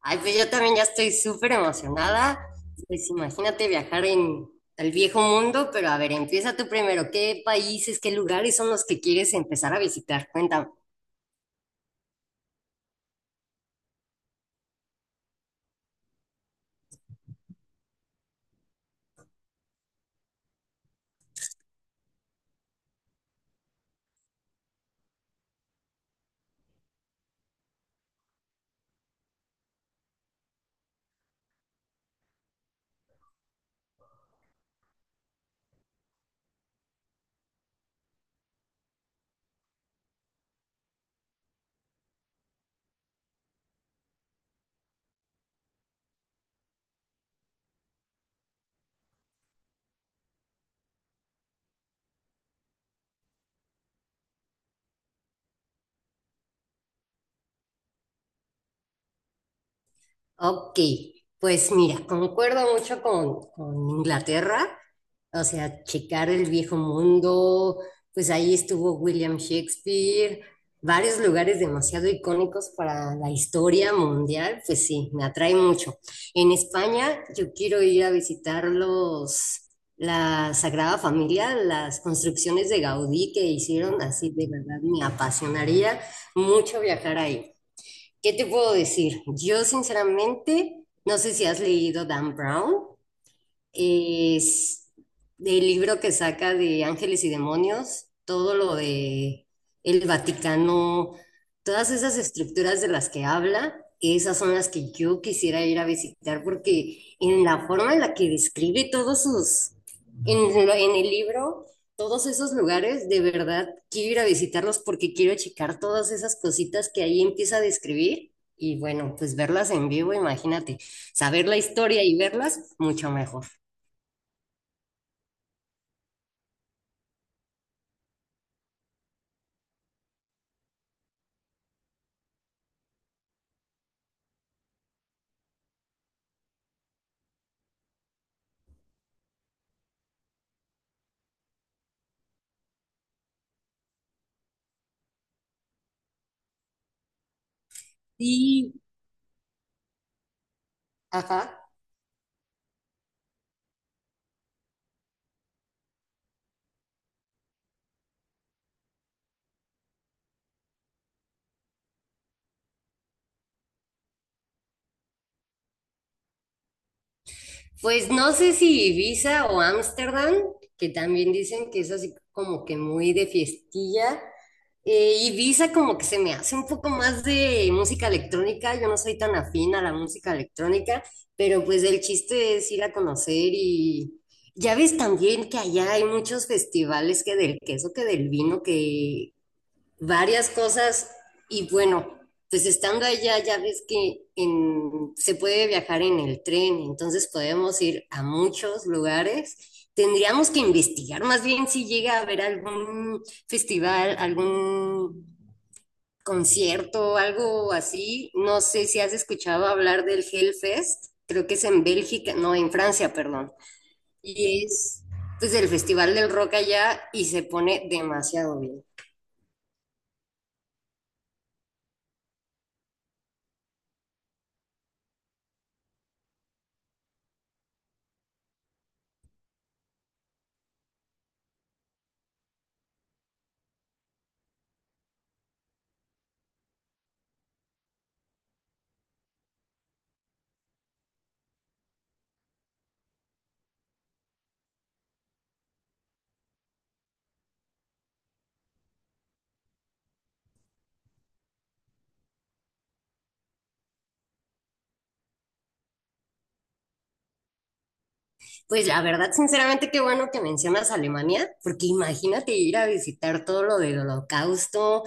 Ay, pues yo también ya estoy súper emocionada. Pues imagínate viajar en el viejo mundo, pero a ver, empieza tú primero. ¿Qué países, qué lugares son los que quieres empezar a visitar? Cuéntame. Ok, pues mira, concuerdo mucho con Inglaterra, o sea, checar el viejo mundo, pues ahí estuvo William Shakespeare, varios lugares demasiado icónicos para la historia mundial, pues sí, me atrae mucho. En España yo quiero ir a visitar la Sagrada Familia, las construcciones de Gaudí que hicieron, así de verdad me apasionaría mucho viajar ahí. ¿Qué te puedo decir? Yo sinceramente no sé si has leído Dan Brown, es del libro que saca de Ángeles y Demonios, todo lo de el Vaticano, todas esas estructuras de las que habla, esas son las que yo quisiera ir a visitar porque en la forma en la que describe todos sus, en, lo- en el libro, todos esos lugares, de verdad quiero ir a visitarlos porque quiero checar todas esas cositas que ahí empieza a describir. Y bueno, pues verlas en vivo, imagínate, saber la historia y verlas, mucho mejor. Y ajá. Pues no sé si Ibiza o Ámsterdam, que también dicen que es así como que muy de fiestilla. Ibiza como que se me hace un poco más de música electrónica, yo no soy tan afín a la música electrónica, pero pues el chiste es ir a conocer, y ya ves también que allá hay muchos festivales, que del queso, que del vino, que varias cosas. Y bueno, pues estando allá ya ves que se puede viajar en el tren, entonces podemos ir a muchos lugares. Tendríamos que investigar más bien si llega a haber algún festival, algún concierto, algo así. No sé si has escuchado hablar del Hellfest, creo que es en Bélgica, no, en Francia, perdón. Y es pues el festival del rock allá y se pone demasiado bien. Pues la verdad, sinceramente, qué bueno que mencionas Alemania, porque imagínate ir a visitar todo lo del Holocausto.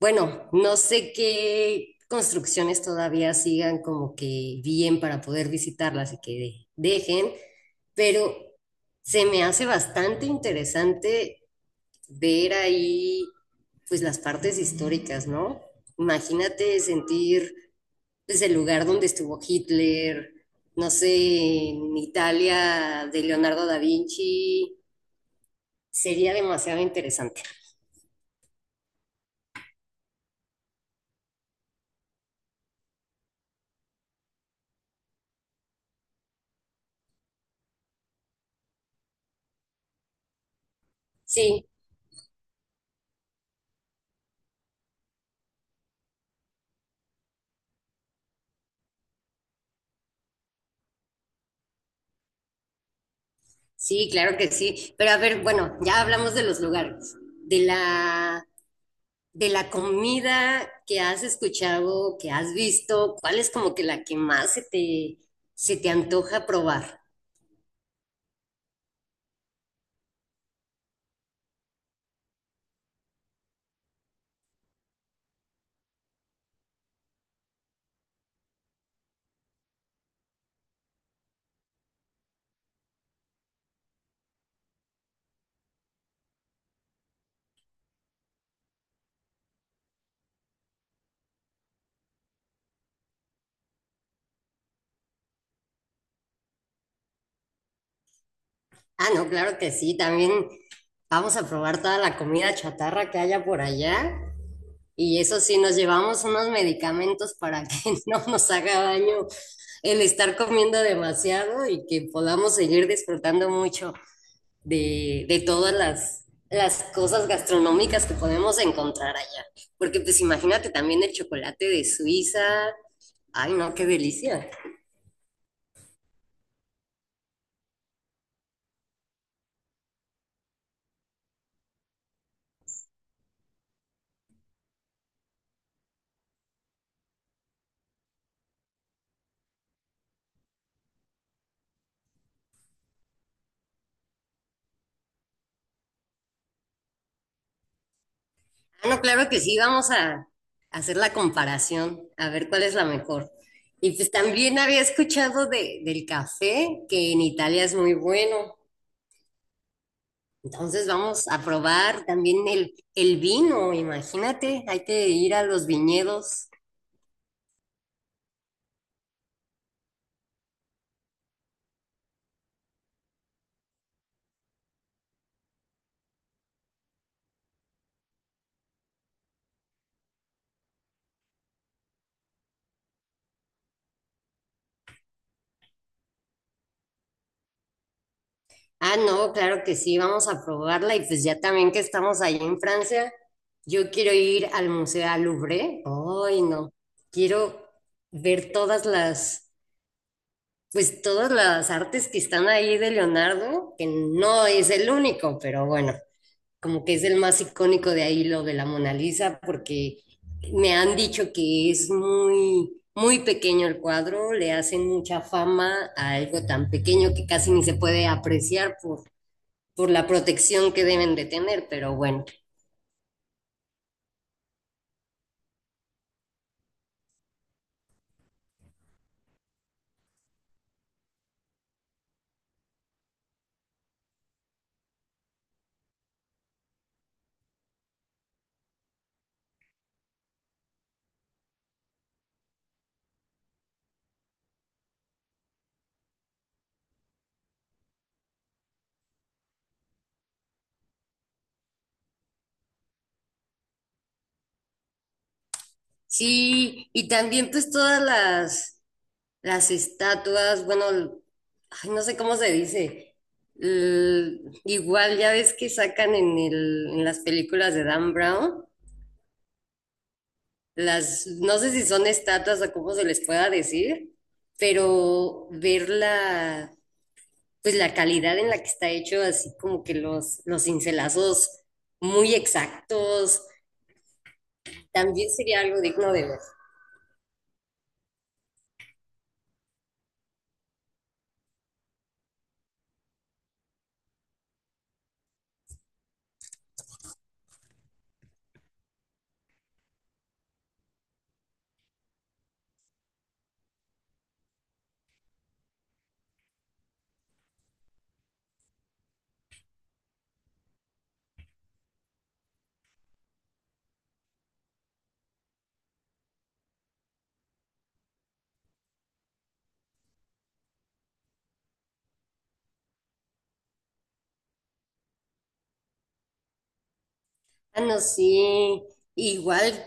Bueno, no sé qué construcciones todavía sigan como que bien para poder visitarlas y que dejen, pero se me hace bastante interesante ver ahí pues las partes históricas, ¿no? Imagínate sentir, es el lugar donde estuvo Hitler, no sé, en Italia de Leonardo da Vinci, sería demasiado interesante. Sí, sí, claro que sí. Pero a ver, bueno, ya hablamos de los lugares, de la, de la comida que has escuchado, que has visto, ¿cuál es como que la que más se te antoja probar? Ah, no, claro que sí, también vamos a probar toda la comida chatarra que haya por allá. Y eso sí, nos llevamos unos medicamentos para que no nos haga daño el estar comiendo demasiado y que podamos seguir disfrutando mucho de todas las cosas gastronómicas que podemos encontrar allá. Porque pues imagínate también el chocolate de Suiza. Ay, no, qué delicia. Ah, no, claro que sí, vamos a hacer la comparación, a ver cuál es la mejor. Y pues también había escuchado del café, que en Italia es muy bueno. Entonces vamos a probar también el vino, imagínate, hay que ir a los viñedos. Ah, no, claro que sí, vamos a probarla y pues ya también que estamos ahí en Francia, yo quiero ir al Museo al Louvre. Ay, no, quiero ver todas pues todas las artes que están ahí de Leonardo, que no es el único, pero bueno, como que es el más icónico de ahí lo de la Mona Lisa, porque me han dicho que es muy, muy pequeño el cuadro, le hacen mucha fama a algo tan pequeño que casi ni se puede apreciar por la protección que deben de tener, pero bueno, sí, y también pues todas las estatuas, bueno, ay, no sé cómo se dice. Igual ya ves que sacan en en las películas de Dan Brown, las, no sé si son estatuas o cómo se les pueda decir, pero ver la, pues la calidad en la que está hecho, así como que los cincelazos muy exactos, también sería algo digno de ver. Ah, no, sí, igual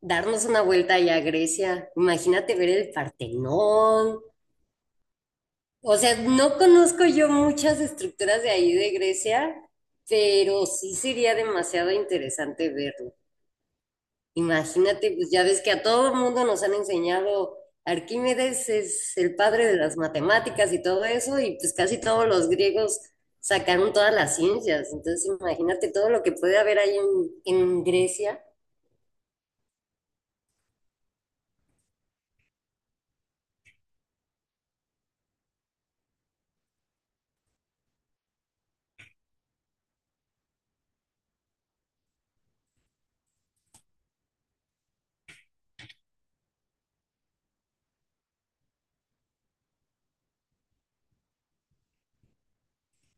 darnos una vuelta allá a Grecia, imagínate ver el Partenón. O sea, no conozco yo muchas estructuras de ahí de Grecia, pero sí sería demasiado interesante verlo. Imagínate, pues ya ves que a todo el mundo nos han enseñado, Arquímedes es el padre de las matemáticas y todo eso, y pues casi todos los griegos sacaron todas las ciencias. Entonces imagínate todo lo que puede haber ahí en Grecia.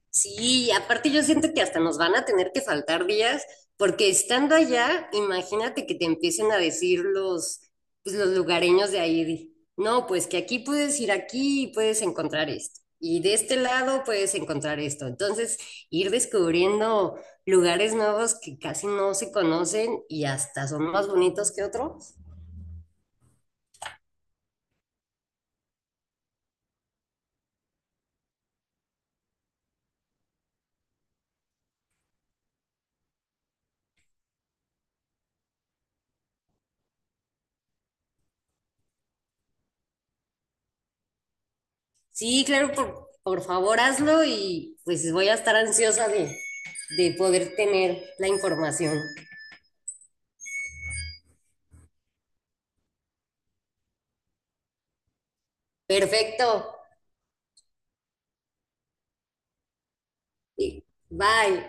Sí, aparte yo siento que hasta nos van a tener que faltar días, porque estando allá, imagínate que te empiecen a decir pues los lugareños de ahí, de, no, pues que aquí puedes ir aquí y puedes encontrar esto, y de este lado puedes encontrar esto. Entonces, ir descubriendo lugares nuevos que casi no se conocen y hasta son más bonitos que otros. Sí, claro, por favor hazlo y pues voy a estar ansiosa de poder tener la información. Perfecto. Bye.